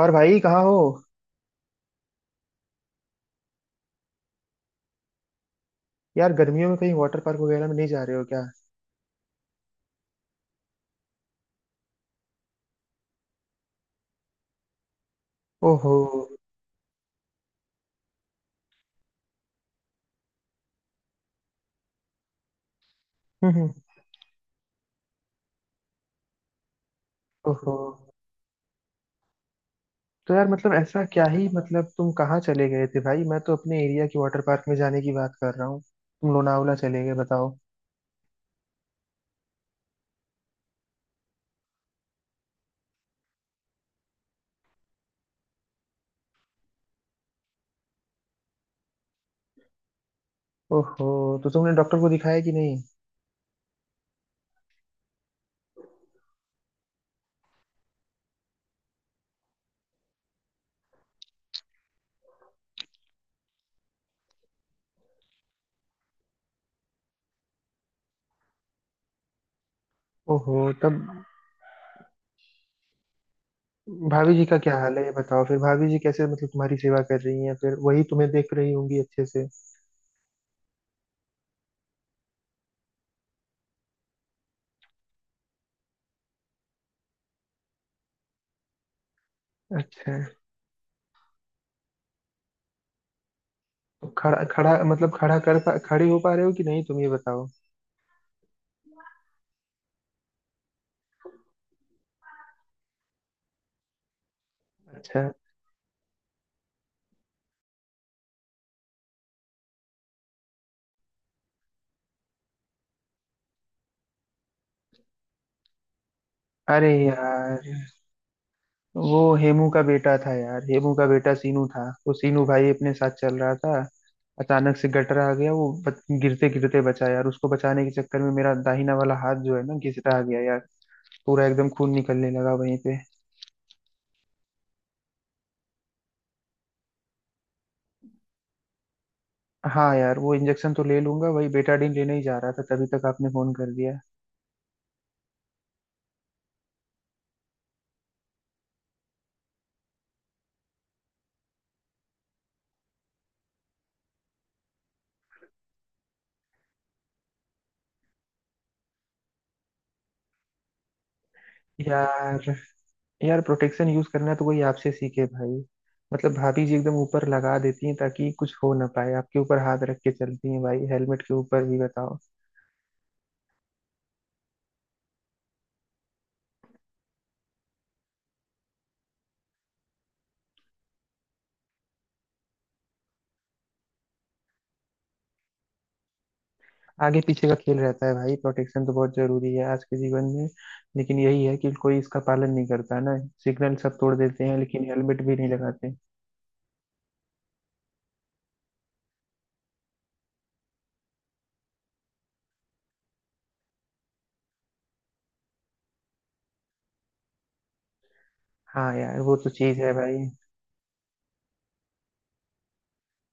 और भाई कहाँ हो? यार, गर्मियों में कहीं वाटर पार्क वगैरह में नहीं जा रहे हो क्या? ओहो। हम्म हम्म, ओहो। तो यार मतलब ऐसा क्या ही, मतलब तुम कहाँ चले गए थे भाई? मैं तो अपने एरिया के वाटर पार्क में जाने की बात कर रहा हूँ, तुम लोनावला चले गए बताओ। ओहो। तो तुमने डॉक्टर को दिखाया कि नहीं? ओहो। तब भाभी जी का क्या हाल है ये बताओ। फिर भाभी जी कैसे मतलब तुम्हारी सेवा कर रही हैं? फिर वही तुम्हें देख रही होंगी अच्छे से। अच्छा। तो खड़ा खड़ा मतलब खड़ा कर पा खड़े हो पा रहे हो कि नहीं तुम, ये बताओ। अच्छा। अरे यार वो हेमू का बेटा था यार, हेमू का बेटा सीनू था। वो सीनू भाई अपने साथ चल रहा था। अचानक से गटर आ गया, वो गिरते गिरते बचा यार। उसको बचाने के चक्कर में मेरा दाहिना वाला हाथ जो है ना, घिसटा गया यार। पूरा एकदम खून निकलने लगा वहीं पे। हाँ यार, वो इंजेक्शन तो ले लूंगा। वही बेटाडीन लेने ही जा रहा था तभी तक आपने फोन कर दिया। यार, यार प्रोटेक्शन यूज करना तो कोई आपसे सीखे भाई। मतलब भाभी जी एकदम ऊपर लगा देती हैं ताकि कुछ हो ना पाए। आपके ऊपर हाथ रख के चलती हैं भाई, हेलमेट के ऊपर भी, बताओ। आगे पीछे का खेल रहता है भाई, प्रोटेक्शन तो बहुत जरूरी है आज के जीवन में। लेकिन यही है कि कोई इसका पालन नहीं करता ना। सिग्नल सब तोड़ देते हैं लेकिन हेलमेट भी नहीं लगाते। हाँ यार, वो तो चीज है भाई।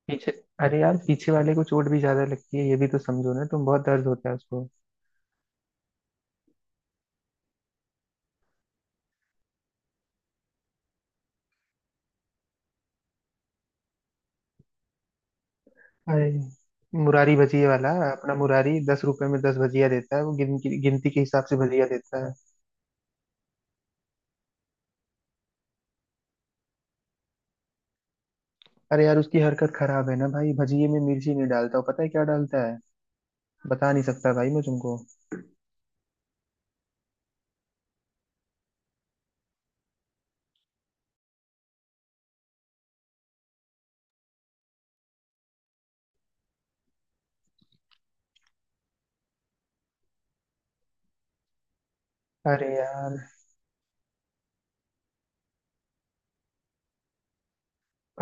पीछे। अरे यार पीछे वाले को चोट भी ज्यादा लगती है, ये भी तो समझो ना तुम। बहुत दर्द होता है उसको। अरे, मुरारी भजिए वाला अपना मुरारी 10 रुपए में 10 भजिया देता है, वो गिनती के हिसाब से भजिया देता है। अरे यार, उसकी हरकत खराब है ना भाई। भजिए में मिर्ची नहीं डालता, वो पता है क्या डालता है? बता नहीं सकता भाई मैं तुमको। अरे यार।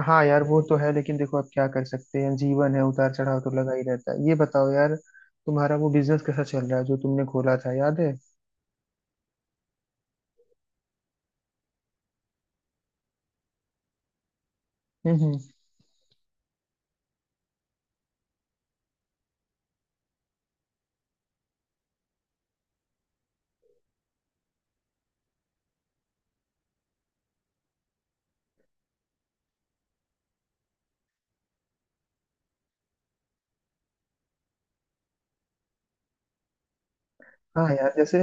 हाँ यार वो तो है, लेकिन देखो अब क्या कर सकते हैं, जीवन है, उतार चढ़ाव तो लगा ही रहता है। ये बताओ यार, तुम्हारा वो बिजनेस कैसा चल रहा है जो तुमने खोला था, याद है? हम्म हम्म। हाँ यार, जैसे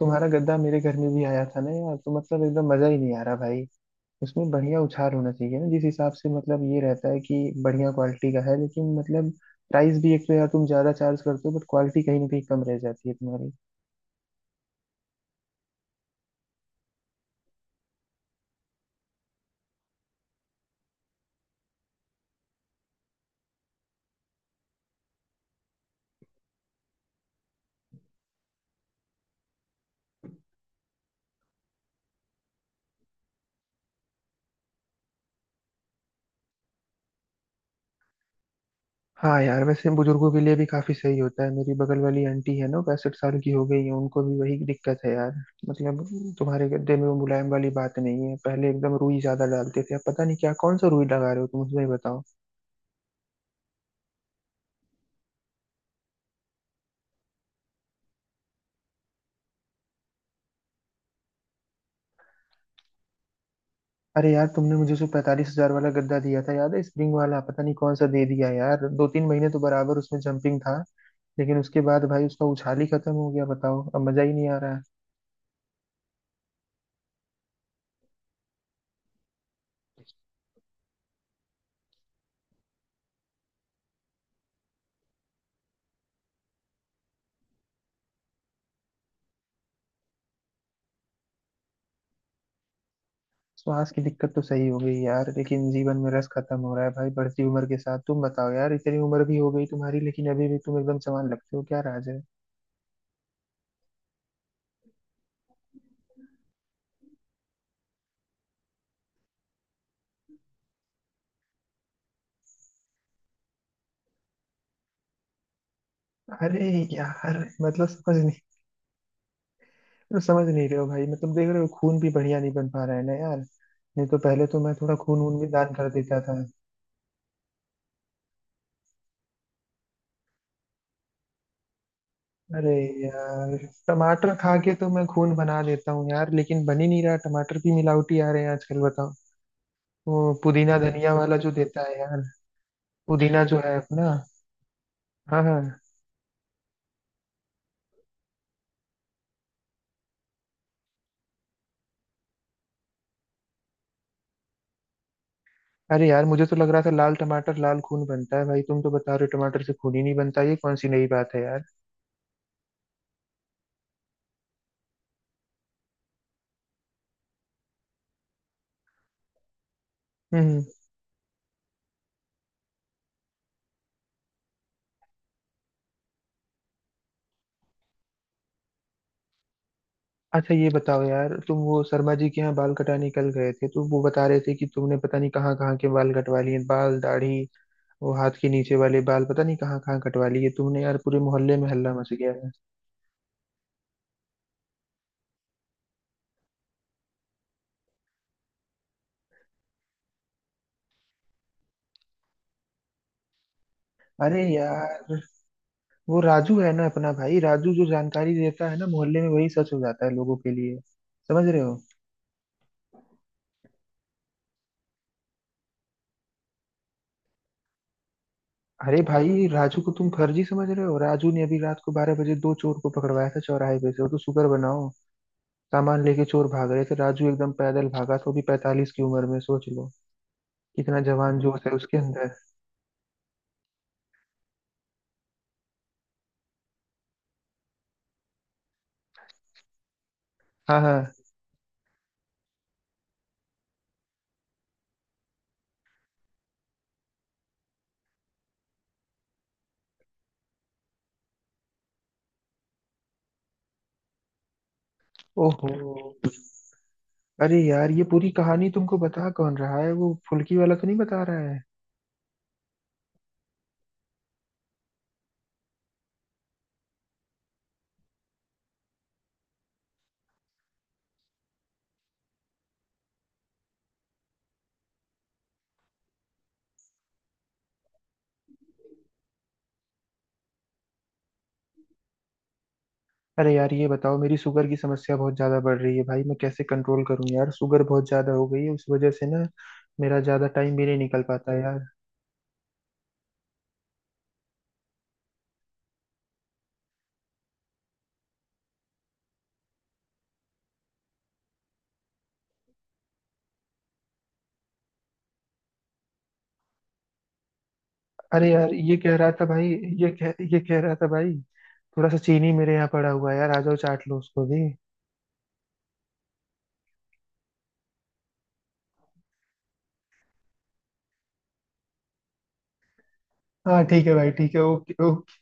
तुम्हारा गद्दा मेरे घर में भी आया था ना यार, तो मतलब एकदम मजा ही नहीं आ रहा भाई। उसमें बढ़िया उछाल होना चाहिए ना, जिस हिसाब से मतलब ये रहता है कि बढ़िया क्वालिटी का है, लेकिन मतलब प्राइस भी, एक तो यार तुम ज्यादा चार्ज करते हो बट क्वालिटी कहीं ना कहीं कम रह जाती है तुम्हारी। हाँ यार, वैसे बुजुर्गों के लिए भी काफी सही होता है। मेरी बगल वाली आंटी है ना, 65 साल की हो गई है, उनको भी वही दिक्कत है यार। मतलब तुम्हारे गद्दे में वो मुलायम वाली बात नहीं है। पहले एकदम रुई ज्यादा डालते थे, अब पता नहीं क्या कौन सा रुई लगा रहे हो तुम, मुझे ही बताओ। अरे यार, तुमने मुझे जो 45,000 वाला गद्दा दिया था याद है, स्प्रिंग वाला, पता नहीं कौन सा दे दिया यार। दो तीन महीने तो बराबर उसमें जंपिंग था, लेकिन उसके बाद भाई उसका उछाल ही खत्म हो गया। बताओ, अब मजा ही नहीं आ रहा है। श्वास की दिक्कत तो सही हो गई यार, लेकिन जीवन में रस खत्म हो रहा है भाई बढ़ती उम्र के साथ। तुम बताओ यार, इतनी उम्र भी हो गई तुम्हारी लेकिन अभी भी तुम एकदम जवान लगते हो, क्या राज है? अरे यार, मतलब समझ नहीं रहे हो भाई? मतलब देख रहे हो, खून भी बढ़िया नहीं बन पा रहा है ना यार। नहीं तो पहले तो मैं थोड़ा खून वून भी दान कर देता था। अरे यार, टमाटर खा के तो मैं खून बना देता हूँ यार, लेकिन बन ही नहीं रहा। टमाटर भी मिलावटी आ रहे हैं आजकल, बताओ। वो पुदीना धनिया वाला जो देता है यार, पुदीना जो है अपना। हाँ हाँ। अरे यार, मुझे तो लग रहा था लाल टमाटर लाल खून बनता है भाई। तुम तो बता रहे हो टमाटर से खून ही नहीं बनता, ये कौन सी नई बात है यार? हम्म। अच्छा, ये बताओ यार, तुम वो शर्मा जी के यहाँ बाल कटाने कल गए थे तो वो बता रहे थे कि तुमने पता नहीं कहाँ कहाँ के बाल कटवा लिए, बाल दाढ़ी। वो हाथ के नीचे वाले बाल, पता नहीं कहाँ कहाँ कटवा लिए तुमने यार। पूरे मोहल्ले में हल्ला मच गया है। अरे यार, वो राजू है ना अपना भाई, राजू जो जानकारी देता है ना मोहल्ले में, वही सच हो जाता है लोगों के लिए, समझ रहे हो? अरे भाई, राजू को तुम फर्जी समझ रहे हो? राजू ने अभी रात को 12 बजे दो चोर को पकड़वाया था चौराहे पे से, वो तो शुक्र बनाओ। सामान लेके चोर भाग रहे थे, राजू एकदम पैदल भागा, तो भी 45 की उम्र में सोच लो, कितना जवान जोश है उसके अंदर। हाँ हाँ। ओहो। अरे यार, ये पूरी कहानी तुमको बता कौन रहा है? वो फुल्की वाला तो नहीं बता रहा है? अरे यार, ये बताओ, मेरी शुगर की समस्या बहुत ज्यादा बढ़ रही है भाई, मैं कैसे कंट्रोल करूं यार? शुगर बहुत ज्यादा हो गई है, उस वजह से ना मेरा ज्यादा टाइम भी नहीं निकल पाता यार। अरे यार ये कह रहा था भाई, ये कह रहा था भाई, थोड़ा सा चीनी मेरे यहाँ पड़ा हुआ है यार, आ जाओ चाट लो उसको भी। हाँ ठीक है भाई, ठीक है, ओके।